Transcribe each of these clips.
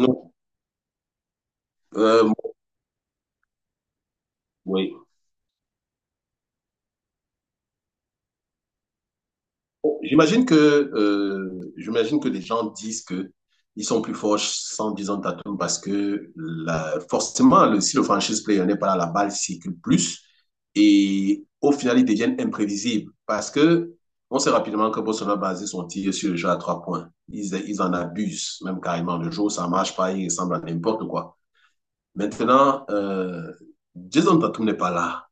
Non, euh, oui. J'imagine que les gens disent que ils sont plus forts sans Jason Tatum parce que forcément, si le franchise player n'est pas là, la balle circule plus et au final, ils deviennent imprévisibles parce que on sait rapidement que Boston a basé son tir sur le jeu à trois points. Ils en abusent même carrément. Le jour où ça marche pas, ils ressemblent à n'importe quoi. Maintenant, Jason Tatum n'est pas là.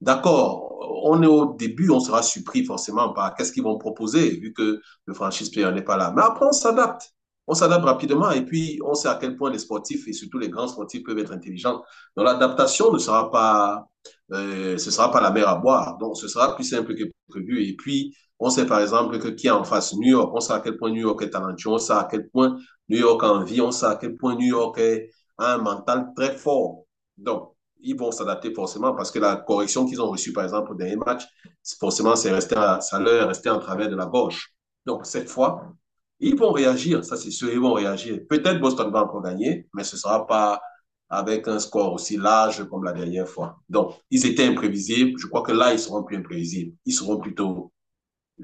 D'accord, on est au début, on sera surpris forcément par qu'est-ce qu'ils vont proposer, vu que le franchise player n'est pas là. Mais après, on s'adapte. On s'adapte rapidement et puis on sait à quel point les sportifs et surtout les grands sportifs peuvent être intelligents. Donc l'adaptation ne sera pas la mer à boire. Donc ce sera plus simple que prévu. Et puis on sait par exemple que qui est en face New York, on sait à quel point New York est talentueux, on sait à quel point New York a envie, on sait à quel point a un mental très fort. Donc ils vont s'adapter forcément parce que la correction qu'ils ont reçue, par exemple, au dernier match, forcément, ça leur est resté en travers de la gauche. Donc, cette fois, ils vont réagir, ça c'est sûr, ils vont réagir. Peut-être Boston va encore gagner, mais ce ne sera pas avec un score aussi large comme la dernière fois. Donc, ils étaient imprévisibles. Je crois que là, ils seront plus imprévisibles.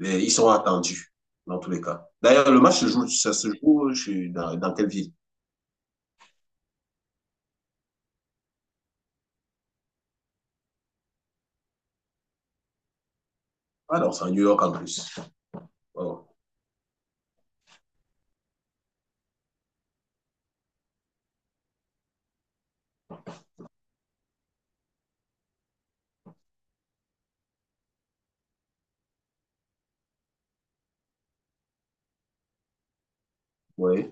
Ils seront attendus dans tous les cas. D'ailleurs, le match se joue, ça se joue dans quelle ville. Alors, c'est à New York en plus. Oh oui,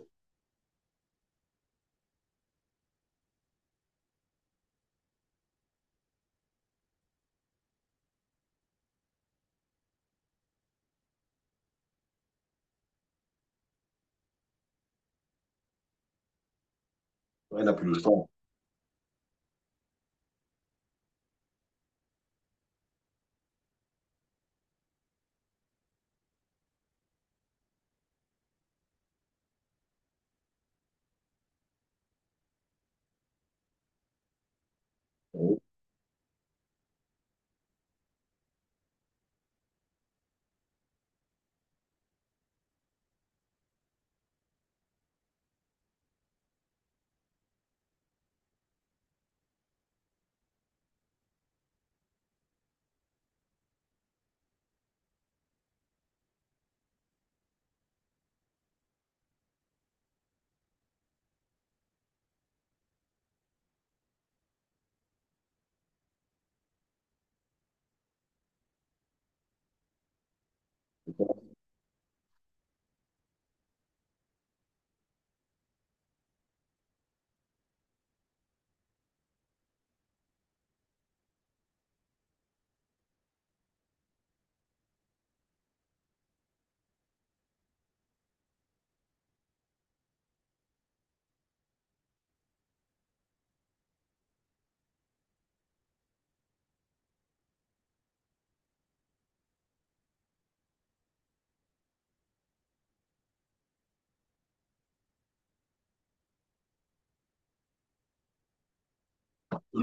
on n'a plus le temps. Oh.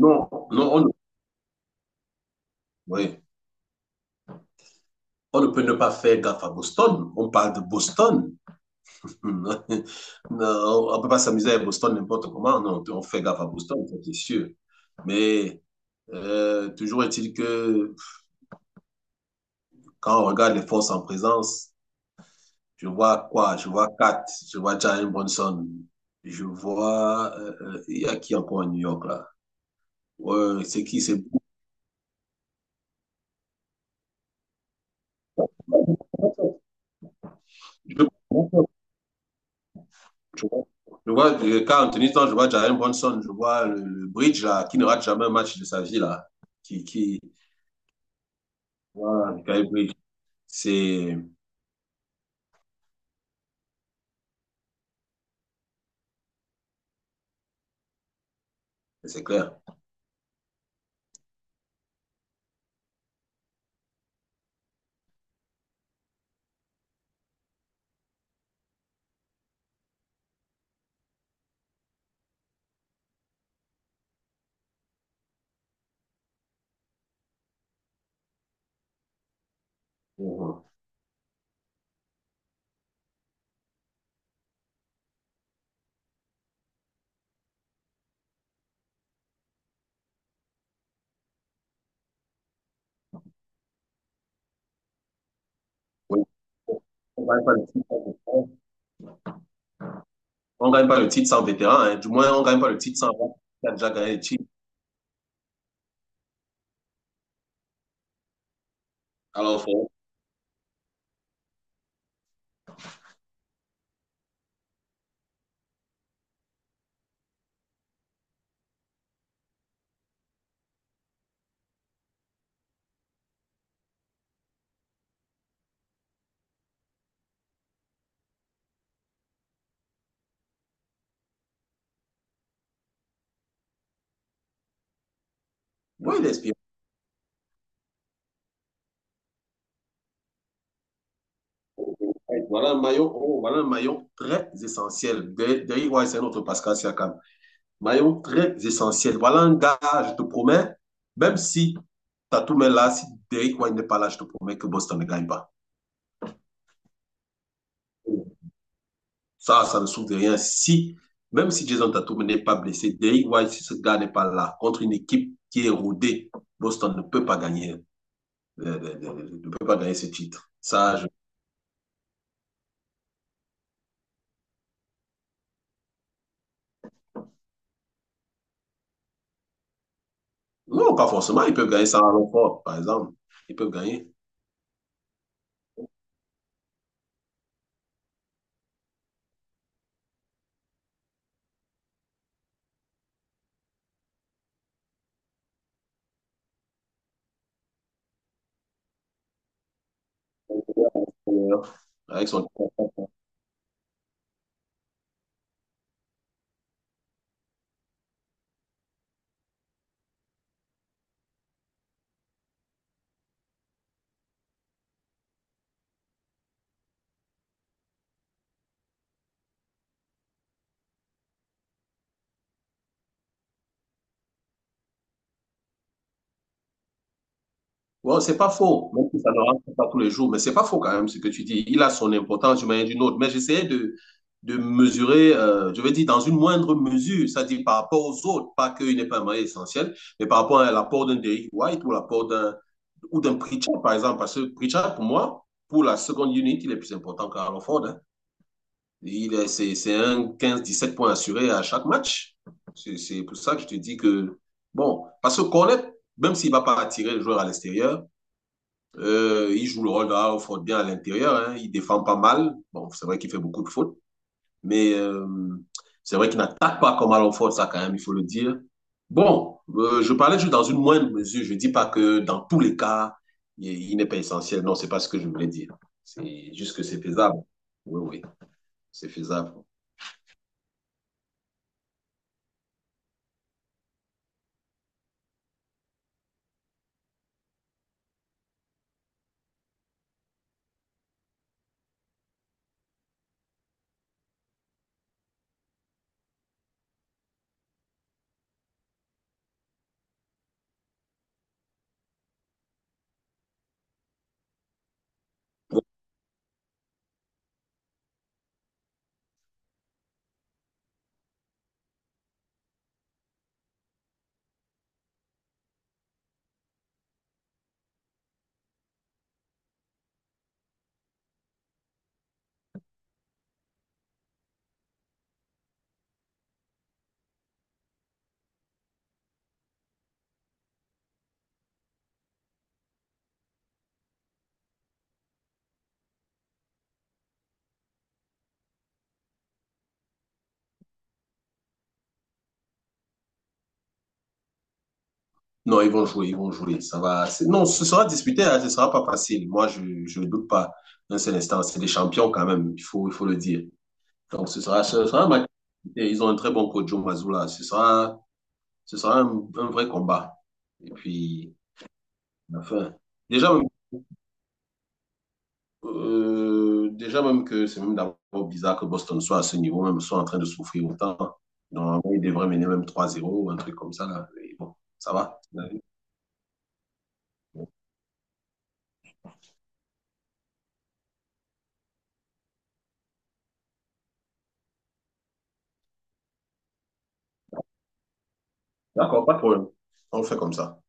Non, non, on, oui. On ne peut ne pas faire gaffe à Boston. On parle de Boston. Non, on ne peut pas s'amuser à Boston n'importe comment. Non, on fait gaffe à Boston, ça, c'est sûr. Mais toujours est-il que quand on regarde les forces en présence, je vois quoi? Je vois Kat, je vois Jalen Brunson, je vois... il y a qui encore à New York là? Ouais, c'est qui? C'est... Je vois, je vois quand Anthony Stanton, je vois Jalen Brunson, je vois le Bridge là, qui ne rate jamais un match de sa vie là, qui, qui, voilà, Mikal Bridge, c'est, c'est clair. Mhm. Oui. On gagne pas le titre sans vétéran. On gagne pas le titre sans vétéran, hein. Du moins, on gagne pas le titre sans un qui a déjà gagné le titre. Alors, faut, oui, l'expérience. Voilà un maillon, oh, voilà un maillon très essentiel. Derrick White, c'est notre Pascal Siakam. Maillot très essentiel. Voilà un gars, je te promets, même si Tatum est là, si Derrick White n'est pas là, je te promets que Boston ne gagne pas. Ça ne souffre de rien. Si, même si Jason Tatum n'est pas blessé, Derrick White, si ce gars n'est pas là, contre une équipe qui est rodée, Boston ne peut pas gagner, ne peut pas gagner ce titre. Non, pas forcément. Ils peuvent gagner ça à l'enfort, par exemple. Ils peuvent gagner. Avec son. Wow, c'est pas faux, même si ça ne rentre pas tous les jours, mais c'est pas faux quand même ce que tu dis. Il a son importance d'une manière ou d'une autre. Mais de mesurer, je veux dire, dans une moindre mesure, c'est-à-dire par rapport aux autres, pas qu'il n'est pas un moyen essentiel, mais par rapport à l'apport d'un Derrick White ou l'apport d'un Pritchard, par exemple. Parce que Pritchard, pour moi, pour la seconde unit, il est plus important qu'Aaron Ford, hein. C'est un quinze dix sept points assurés à chaque match. C'est pour ça que je te dis que, bon, parce que Cornet, même s'il ne va pas attirer le joueur à l'extérieur, il joue le rôle d'un offre bien à l'intérieur, hein. Il défend pas mal. Bon, c'est vrai qu'il fait beaucoup de fautes, mais c'est vrai qu'il n'attaque pas comme à l'off-road, ça quand même, il faut le dire. Bon, je parlais juste dans une moindre mesure. Je ne dis pas que dans tous les cas, il n'est pas essentiel. Non, c'est pas ce que je voulais dire. C'est juste que c'est faisable. Oui, oui, c'est faisable. Non, ils vont jouer, ils vont jouer. Ça va. Non, ce sera disputé, hein, ce ne sera pas facile. Moi, je ne doute pas. Un seul instant, c'est des champions quand même. Il faut le dire. Donc, ce sera un match. Et ils ont un très bon coach, Joe Mazzulla. Ce sera un vrai combat. Et puis, la fin. Déjà, même, déjà même que c'est même d'abord bizarre que Boston soit à ce niveau, même soit en train de souffrir autant. Normalement, ils devraient mener même 3-0 ou un truc comme ça. Là. Mais bon, ça va. D'accord, pas de problème. On le fait comme ça.